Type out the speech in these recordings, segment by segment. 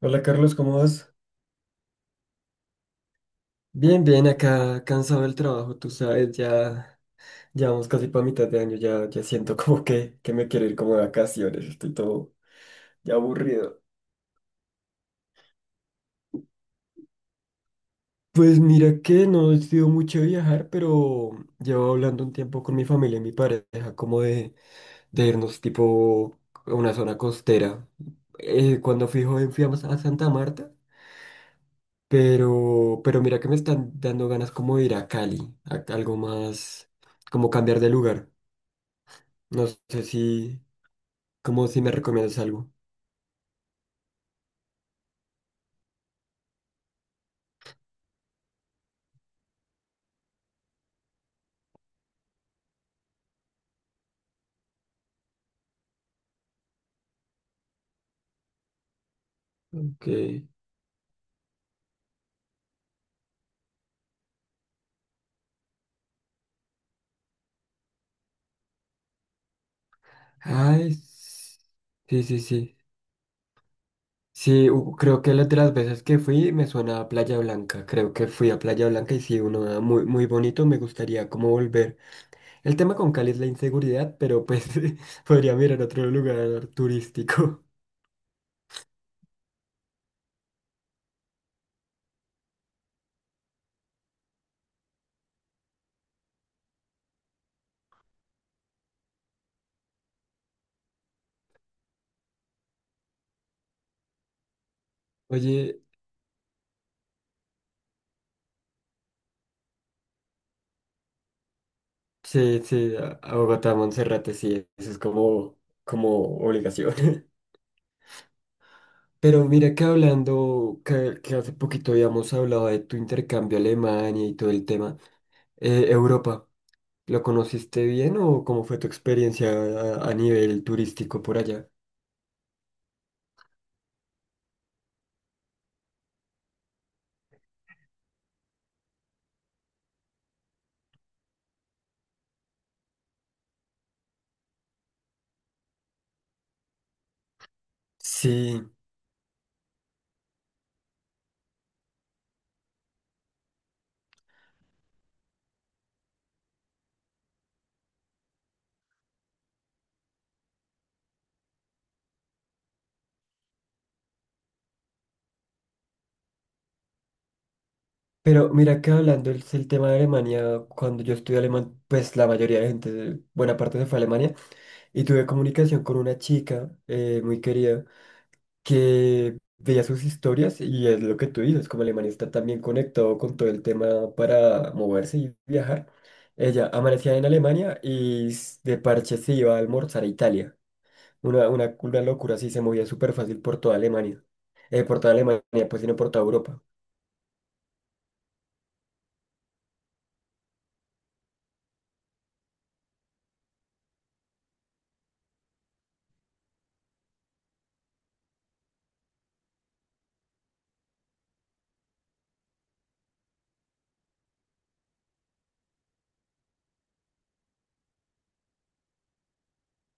Hola Carlos, ¿cómo vas? Bien, bien, acá cansado del trabajo, tú sabes, ya vamos casi para mitad de año, ya siento como que me quiero ir como de vacaciones, estoy todo ya aburrido. Pues mira que no he sido mucho de viajar, pero llevo hablando un tiempo con mi familia y mi pareja como de irnos tipo a una zona costera. Cuando fui joven fui a Santa Marta, pero mira que me están dando ganas como de ir a Cali, a algo más, como cambiar de lugar. No sé si, como si me recomiendas algo. Aunque, ay, sí, sí, sí. Sí, creo que las de las veces que fui me suena a Playa Blanca. Creo que fui a Playa Blanca y sí, uno da muy, muy bonito. Me gustaría como volver. El tema con Cali es la inseguridad, pero pues podría mirar otro lugar turístico. Oye, sí, sí, a Bogotá, Monserrate, sí, eso es como obligación. Pero mira que hablando, que hace poquito habíamos hablado de tu intercambio a Alemania y todo el tema, Europa, ¿lo conociste bien o cómo fue tu experiencia a nivel turístico por allá? Sí, pero mira que hablando el tema de Alemania, cuando yo estudié alemán, pues la mayoría de gente, buena parte se fue a Alemania y tuve comunicación con una chica muy querida, que veía sus historias y es lo que tú dices, como Alemania está también conectado con todo el tema para moverse y viajar, ella amanecía en Alemania y de parche se iba a almorzar a Italia. Una locura así, se movía súper fácil por toda Alemania. Por toda Alemania, pues sino por toda Europa.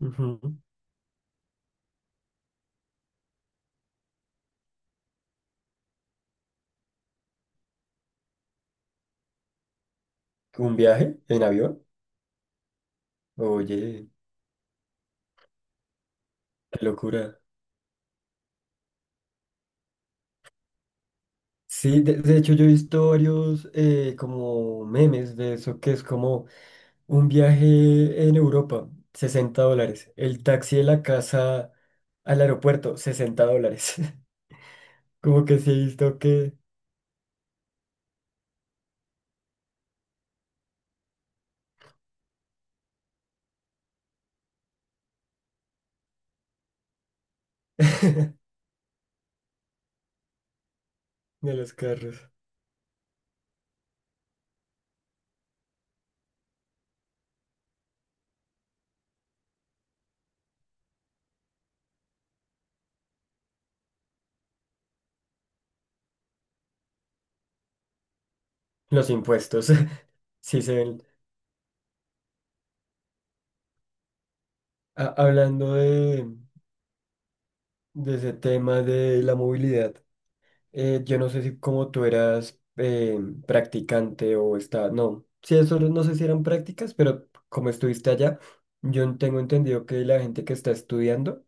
Ujú. ¿Un viaje en avión? Oye, qué locura. Sí, de hecho yo he visto varios como memes de eso, que es como... Un viaje en Europa, $60. El taxi de la casa al aeropuerto, $60. Como que sí he visto que de los carros. Los impuestos, sí se ven. Hablando de, ese tema de la movilidad, yo no sé si como tú eras practicante o está, no, sí, eso no sé si eran prácticas, pero como estuviste allá, yo tengo entendido que la gente que está estudiando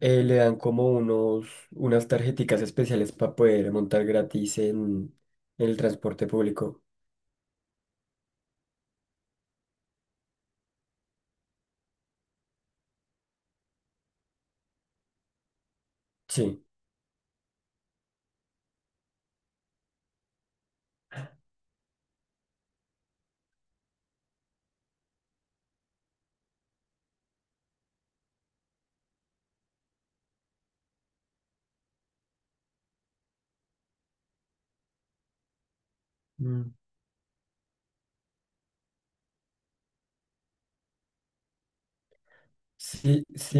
le dan como unos, unas tarjeticas especiales para poder montar gratis en, el transporte público. Sí. Mm. Sí, sí,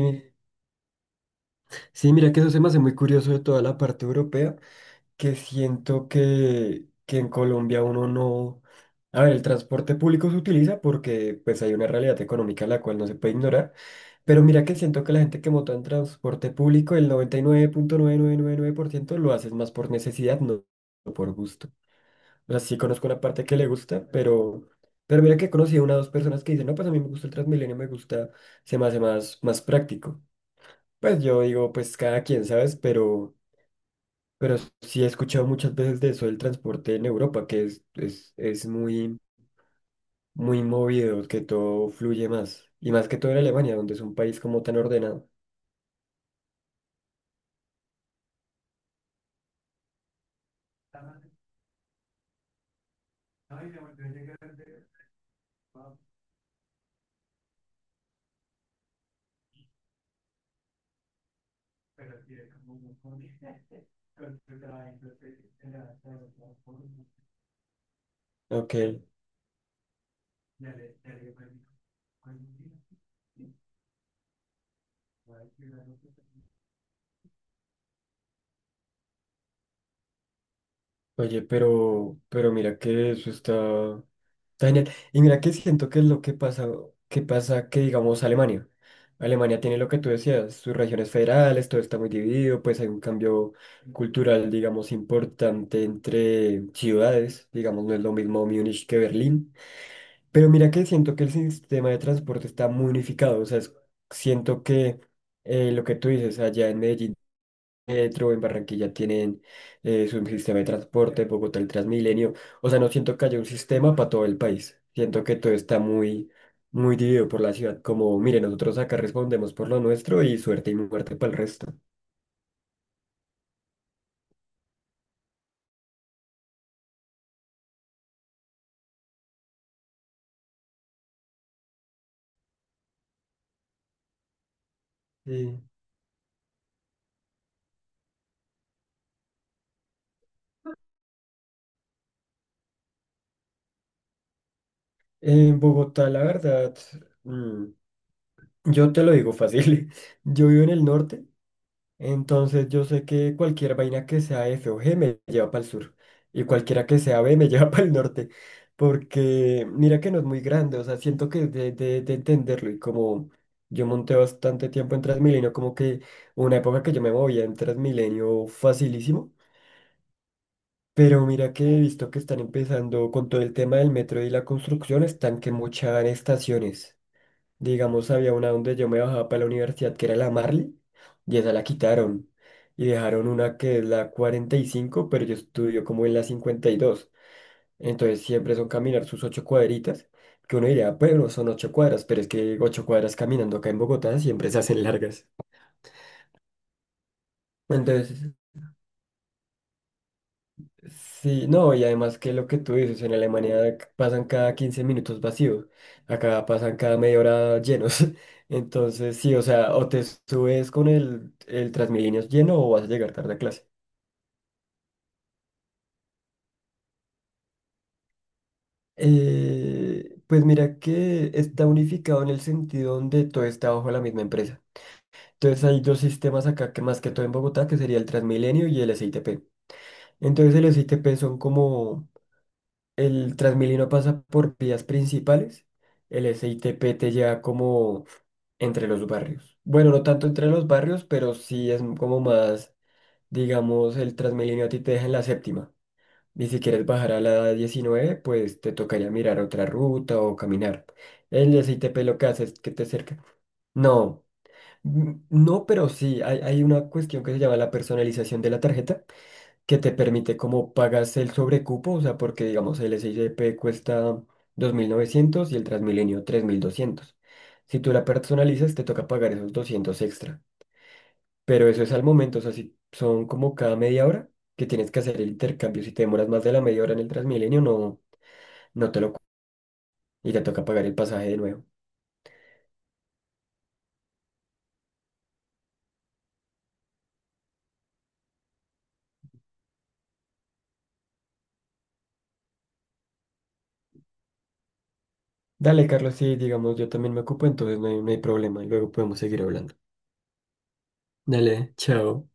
sí, mira que eso se me hace muy curioso de toda la parte europea, que siento que en Colombia uno... no... A ver, el transporte público se utiliza porque pues hay una realidad económica la cual no se puede ignorar, pero mira que siento que la gente que monta en transporte público, el noventa y nueve punto nueve nueve nueve nueve punto por ciento lo hace es más por necesidad, no, no por gusto. O sea, sí conozco la parte que le gusta, pero mira que he conocido una o dos personas que dicen, no, pues a mí me gusta el Transmilenio, me gusta, se me hace más, más práctico. Pues yo digo, pues cada quien, ¿sabes? Pero sí he escuchado muchas veces de eso del transporte en Europa, que es muy, muy movido, que todo fluye más. Y más que todo en Alemania, donde es un país como tan ordenado. Ok. Oye, pero mira que eso está, está genial. Y mira que siento que es lo que pasa, que pasa que digamos Alemania. Alemania tiene lo que tú decías, sus regiones federales, todo está muy dividido, pues hay un cambio cultural, digamos, importante entre ciudades, digamos, no es lo mismo Múnich que Berlín. Pero mira que siento que el sistema de transporte está muy unificado, o sea, es, siento que lo que tú dices allá en Medellín metro, en Barranquilla tienen su sistema de transporte, Bogotá el Transmilenio. O sea, no siento que haya un sistema para todo el país. Siento que todo está muy, muy dividido por la ciudad. Como, mire, nosotros acá respondemos por lo nuestro y suerte y muerte para el resto. Sí. En Bogotá, la verdad, mm, yo te lo digo fácil. Yo vivo en el norte. Entonces yo sé que cualquier vaina que sea F o G me lleva para el sur y cualquiera que sea B me lleva para el norte, porque mira que no es muy grande, o sea, siento que de, de entenderlo y como yo monté bastante tiempo en Transmilenio, como que una época que yo me movía en Transmilenio facilísimo, pero mira que he visto que están empezando con todo el tema del metro y la construcción, están que mochan estaciones. Digamos, había una donde yo me bajaba para la universidad, que era la Marley, y esa la quitaron. Y dejaron una que es la 45, pero yo estudio como en la 52. Entonces siempre son caminar sus 8 cuadritas, que uno diría, bueno, son 8 cuadras, pero es que 8 cuadras caminando acá en Bogotá siempre se hacen largas. Entonces, sí, no, y además que lo que tú dices, en Alemania pasan cada 15 minutos vacíos, acá pasan cada media hora llenos. Entonces, sí, o sea, o te subes con el Transmilenio lleno o vas a llegar tarde a clase. Pues mira que está unificado en el sentido donde todo está bajo la misma empresa. Entonces hay dos sistemas acá que más que todo en Bogotá, que sería el Transmilenio y el SITP. Entonces el SITP son como el Transmilenio pasa por vías principales. El SITP te lleva como entre los barrios. Bueno, no tanto entre los barrios, pero sí es como más, digamos, el Transmilenio a ti te deja en la séptima. Y si quieres bajar a la 19, pues te tocaría mirar otra ruta o caminar. El SITP lo que hace es que te cerca. No, mm, no, pero sí, hay una cuestión que se llama la personalización de la tarjeta que te permite como pagas el sobrecupo, o sea, porque digamos el SICP cuesta 2.900 y el Transmilenio 3.200. Si tú la personalizas, te toca pagar esos 200 extra. Pero eso es al momento, o sea, si son como cada media hora que tienes que hacer el intercambio. Si te demoras más de la media hora en el Transmilenio, no, no te lo... Y te toca pagar el pasaje de nuevo. Dale, Carlos, sí, digamos, yo también me ocupo, entonces no hay problema. Y luego podemos seguir hablando. Dale, chao.